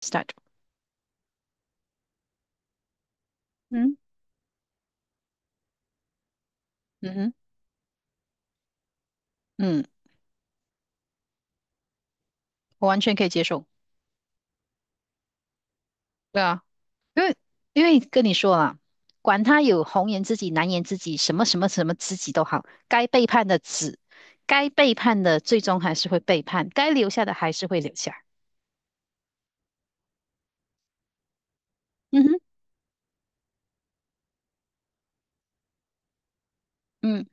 start，嗯嗯哼，嗯，我完全可以接受。对啊，因为因为跟你说了，管他有红颜知己、蓝颜知己，什么什么什么知己都好，该背叛的最终还是会背叛，该留下的还是会留下。嗯哼，嗯，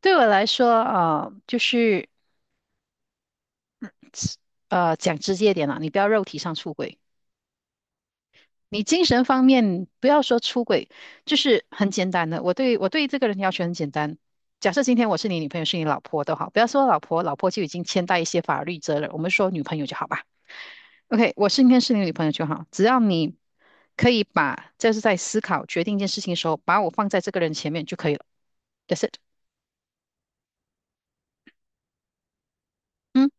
对我来说，啊，就是讲直接一点啦，你不要肉体上出轨。你精神方面不要说出轨，就是很简单的。我对这个人要求很简单。假设今天我是你女朋友，是你老婆都好，不要说老婆，老婆就已经牵带一些法律责任，我们说女朋友就好吧。OK,今天是你女朋友就好，只要你可以把就是在思考决定一件事情的时候，把我放在这个人前面就可以了。That's it。嗯。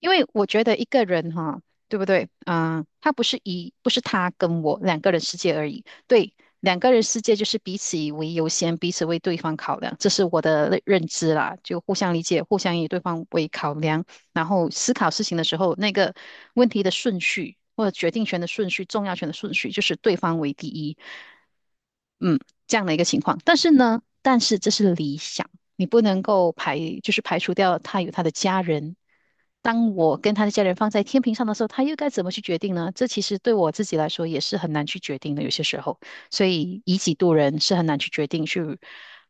因为我觉得一个人哈，对不对？嗯、他不是一，不是他跟我两个人世界而已。对，两个人世界就是彼此以为优先，彼此为对方考量，这是我的认知啦。就互相理解，互相以对方为考量，然后思考事情的时候，那个问题的顺序或者决定权的顺序、重要权的顺序，就是对方为第一。嗯，这样的一个情况。但是呢，但是这是理想，你不能够排，就是排除掉他有他的家人。当我跟他的家人放在天平上的时候，他又该怎么去决定呢？这其实对我自己来说也是很难去决定的，有些时候，所以以己度人是很难去决定去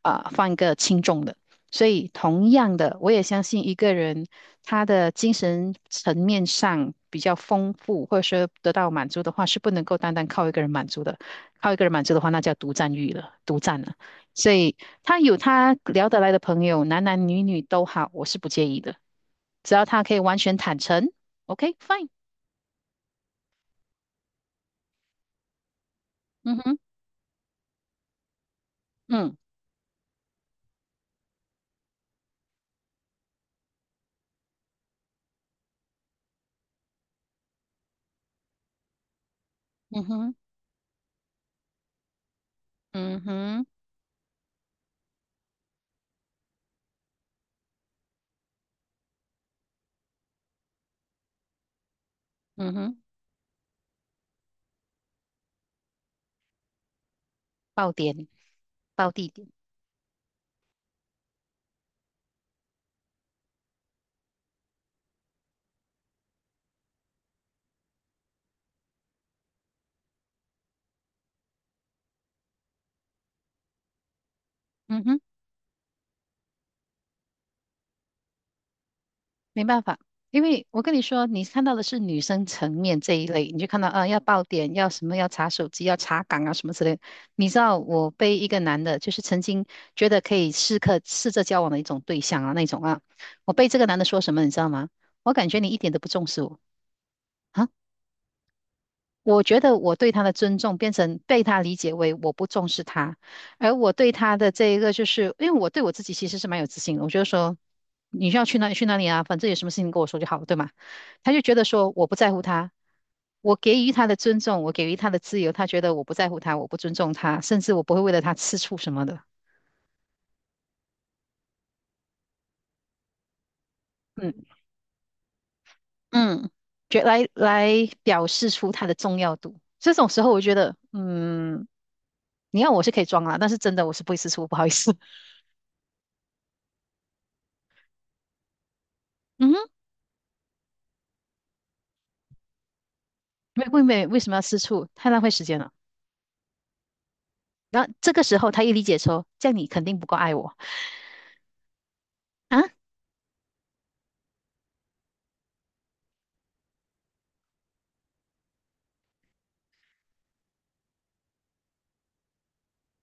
啊、放一个轻重的。所以同样的，我也相信一个人他的精神层面上比较丰富，或者说得到满足的话，是不能够单单靠一个人满足的。靠一个人满足的话，那叫独占欲了，独占了。所以他有他聊得来的朋友，男男女女都好，我是不介意的，只要他可以完全坦诚，OK fine。嗯哼，嗯嗯哼，嗯哼，嗯哼，爆点，爆地点，嗯哼。没办法，因为我跟你说，你看到的是女生层面这一类，你就看到啊，要爆点，要什么，要查手机，要查岗啊，什么之类的你知道，我被一个男的，就是曾经觉得可以试着交往的一种对象啊，那种啊，我被这个男的说什么，你知道吗？我感觉你一点都不重视我啊，我觉得我对他的尊重变成被他理解为我不重视他，而我对他的这一个就是，因为我对我自己其实是蛮有自信的，我觉得说你需要去哪里去哪里啊，反正有什么事情跟我说就好，了，对吗？他就觉得说我不在乎他，我给予他的尊重，我给予他的自由，他觉得我不在乎他，我不尊重他，甚至我不会为了他吃醋什么的。嗯，嗯，觉来来表示出他的重要度。这种时候，我觉得，嗯，你要我是可以装啦，但是真的我是不会吃醋，不好意思。嗯哼。为什么要吃醋？太浪费时间了。这个时候他一理解说，这样你肯定不够爱我啊！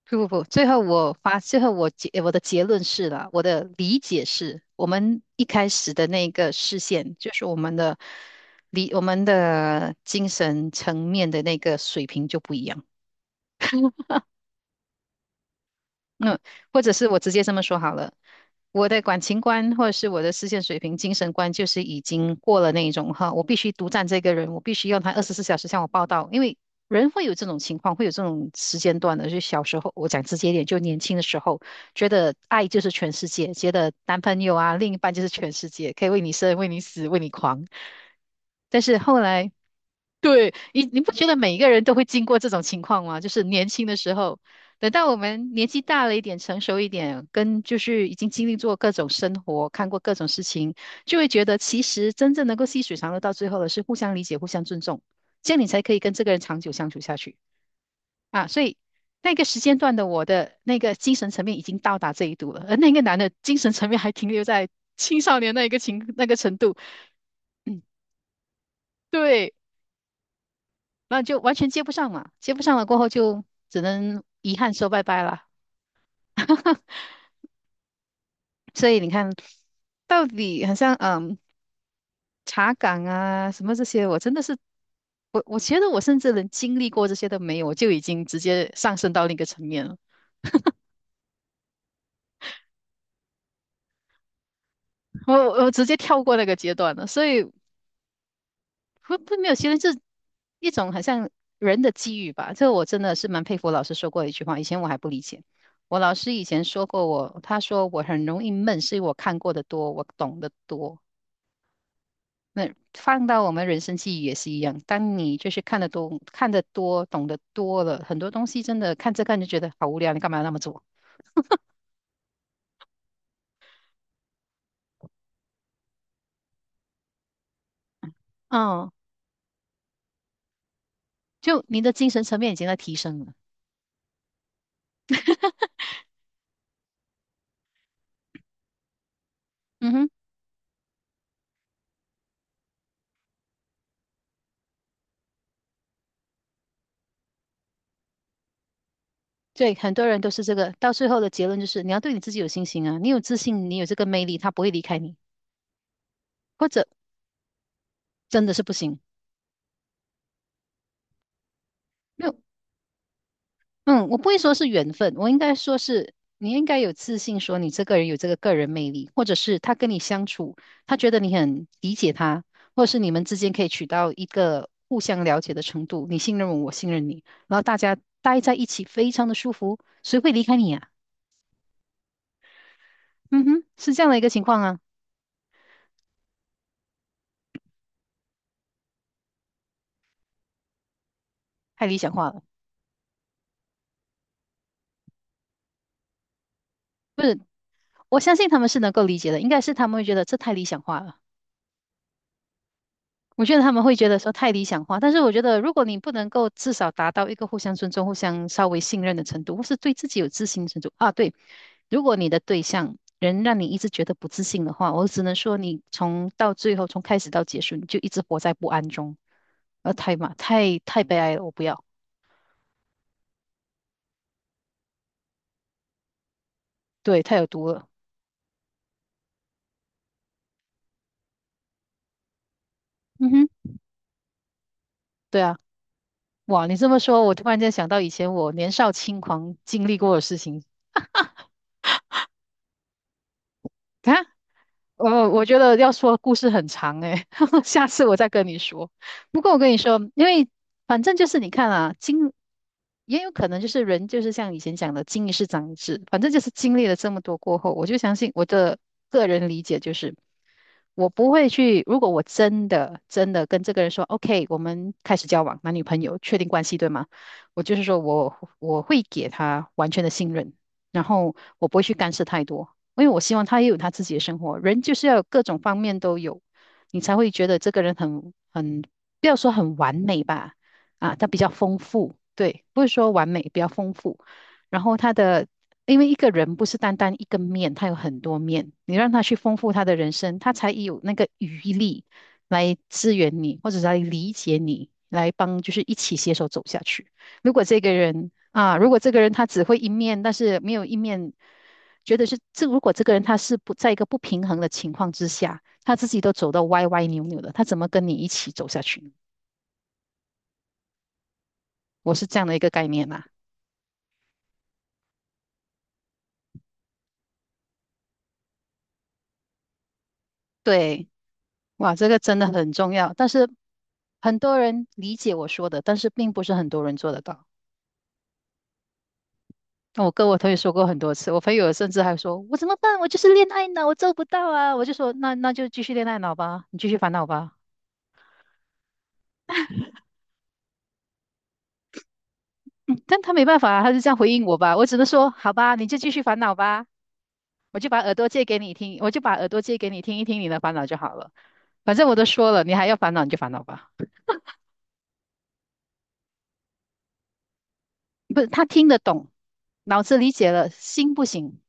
不不不，最后我我的结论是了，我的理解是，我们一开始的那个视线，就是我们的理，我们的精神层面的那个水平就不一样。那或者是我直接这么说好了，我的感情观或者是我的视线水平、精神观，就是已经过了那一种哈，我必须独占这个人，我必须要他24小时向我报到，因为人会有这种情况，会有这种时间段的。就小时候，我讲直接一点，就年轻的时候，觉得爱就是全世界，觉得男朋友啊、另一半就是全世界，可以为你生、为你死、为你狂。但是后来你不觉得每一个人都会经过这种情况吗？就是年轻的时候，等到我们年纪大了一点、成熟一点，跟就是已经经历过各种生活、看过各种事情，就会觉得其实真正能够细水长流到最后的是互相理解、互相尊重，这样你才可以跟这个人长久相处下去啊。所以那个时间段的我的那个精神层面已经到达这一度了，而那个男的精神层面还停留在青少年那一个情那个程度，嗯，对。那就完全接不上嘛，接不上了过后就只能遗憾说拜拜了。所以你看，到底好像嗯查岗啊什么这些，我真的是我觉得我甚至连经历过这些都没有，我就已经直接上升到另一个层面了，我我直接跳过那个阶段了。所以不不没有，其实这一种好像人的机遇吧，这我真的是蛮佩服。老师说过一句话，以前我还不理解。我老师以前说过我，他说我很容易闷，是因为我看过的多，我懂得多。那放到我们人生记忆也是一样，当你就是看得多、看得多、懂得多了，很多东西真的看着看着觉得好无聊，你干嘛要那么做？嗯，就你的精神层面已经在提升了。嗯哼，对，很多人都是这个，到最后的结论就是你要对你自己有信心啊，你有自信，你有这个魅力，他不会离开你，或者真的是不行。没有。嗯，我不会说是缘分，我应该说是你应该有自信，说你这个人有这个个人魅力，或者是他跟你相处，他觉得你很理解他，或者是你们之间可以取到一个互相了解的程度，你信任我，我信任你，然后大家待在一起非常的舒服，谁会离开你啊？嗯哼，是这样的一个情况啊，太理想化了。我相信他们是能够理解的，应该是他们会觉得这太理想化了。我觉得他们会觉得说太理想化，但是我觉得如果你不能够至少达到一个互相尊重、互相稍微信任的程度，或是对自己有自信的程度啊，对，如果你的对象人让你一直觉得不自信的话，我只能说你从到最后，从开始到结束，你就一直活在不安中，太嘛，太悲哀了，我不要，对，太有毒了，嗯哼，对啊，哇，你这么说，我突然间想到以前我年少轻狂经历过的事情啊，我觉得要说故事很长诶、下次我再跟你说。不过我跟你说，因为反正就是你看啊，也有可能就是人就是像以前讲的"经一事长一智"，反正就是经历了这么多过后，我就相信我的个人理解就是，我不会去，如果我真的真的跟这个人说 "OK,我们开始交往，男女朋友，确定关系，对吗？"我就是说我会给他完全的信任，然后我不会去干涉太多。因为我希望他也有他自己的生活。人就是要有各种方面都有，你才会觉得这个人不要说很完美吧，啊，他比较丰富，对，不是说完美，比较丰富。然后他的，因为一个人不是单单一个面，他有很多面，你让他去丰富他的人生，他才有那个余力来支援你，或者是来理解你，来帮，就是一起携手走下去。如果这个人啊，如果这个人他只会一面，但是没有一面。觉得是这如果这个人他是不在一个不平衡的情况之下，他自己都走到歪歪扭扭的，他怎么跟你一起走下去我是这样的一个概念啦、啊对，哇，这个真的很重要，但是很多人理解我说的，但是并不是很多人做得到。那我跟我朋友说过很多次，我朋友甚至还说："我怎么办？我就是恋爱脑，我做不到啊！"我就说："那就继续恋爱脑吧，你继续烦恼吧。但他没办法啊，他就这样回应我吧。我只能说："好吧，你就继续烦恼吧。"我就把耳朵借给你听，我就把耳朵借给你听一听你的烦恼就好了。反正我都说了，你还要烦恼你就烦恼吧。不是，他听得懂，脑子理解了，心不行。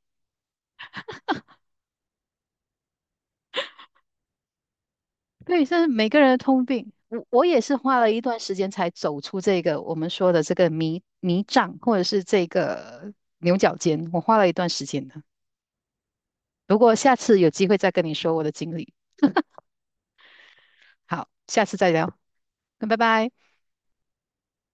对，这是每个人的通病。我也是花了一段时间才走出这个我们说的这个迷障，或者是这个牛角尖，我花了一段时间的。不过下次有机会再跟你说我的经历。好，下次再聊，那拜拜。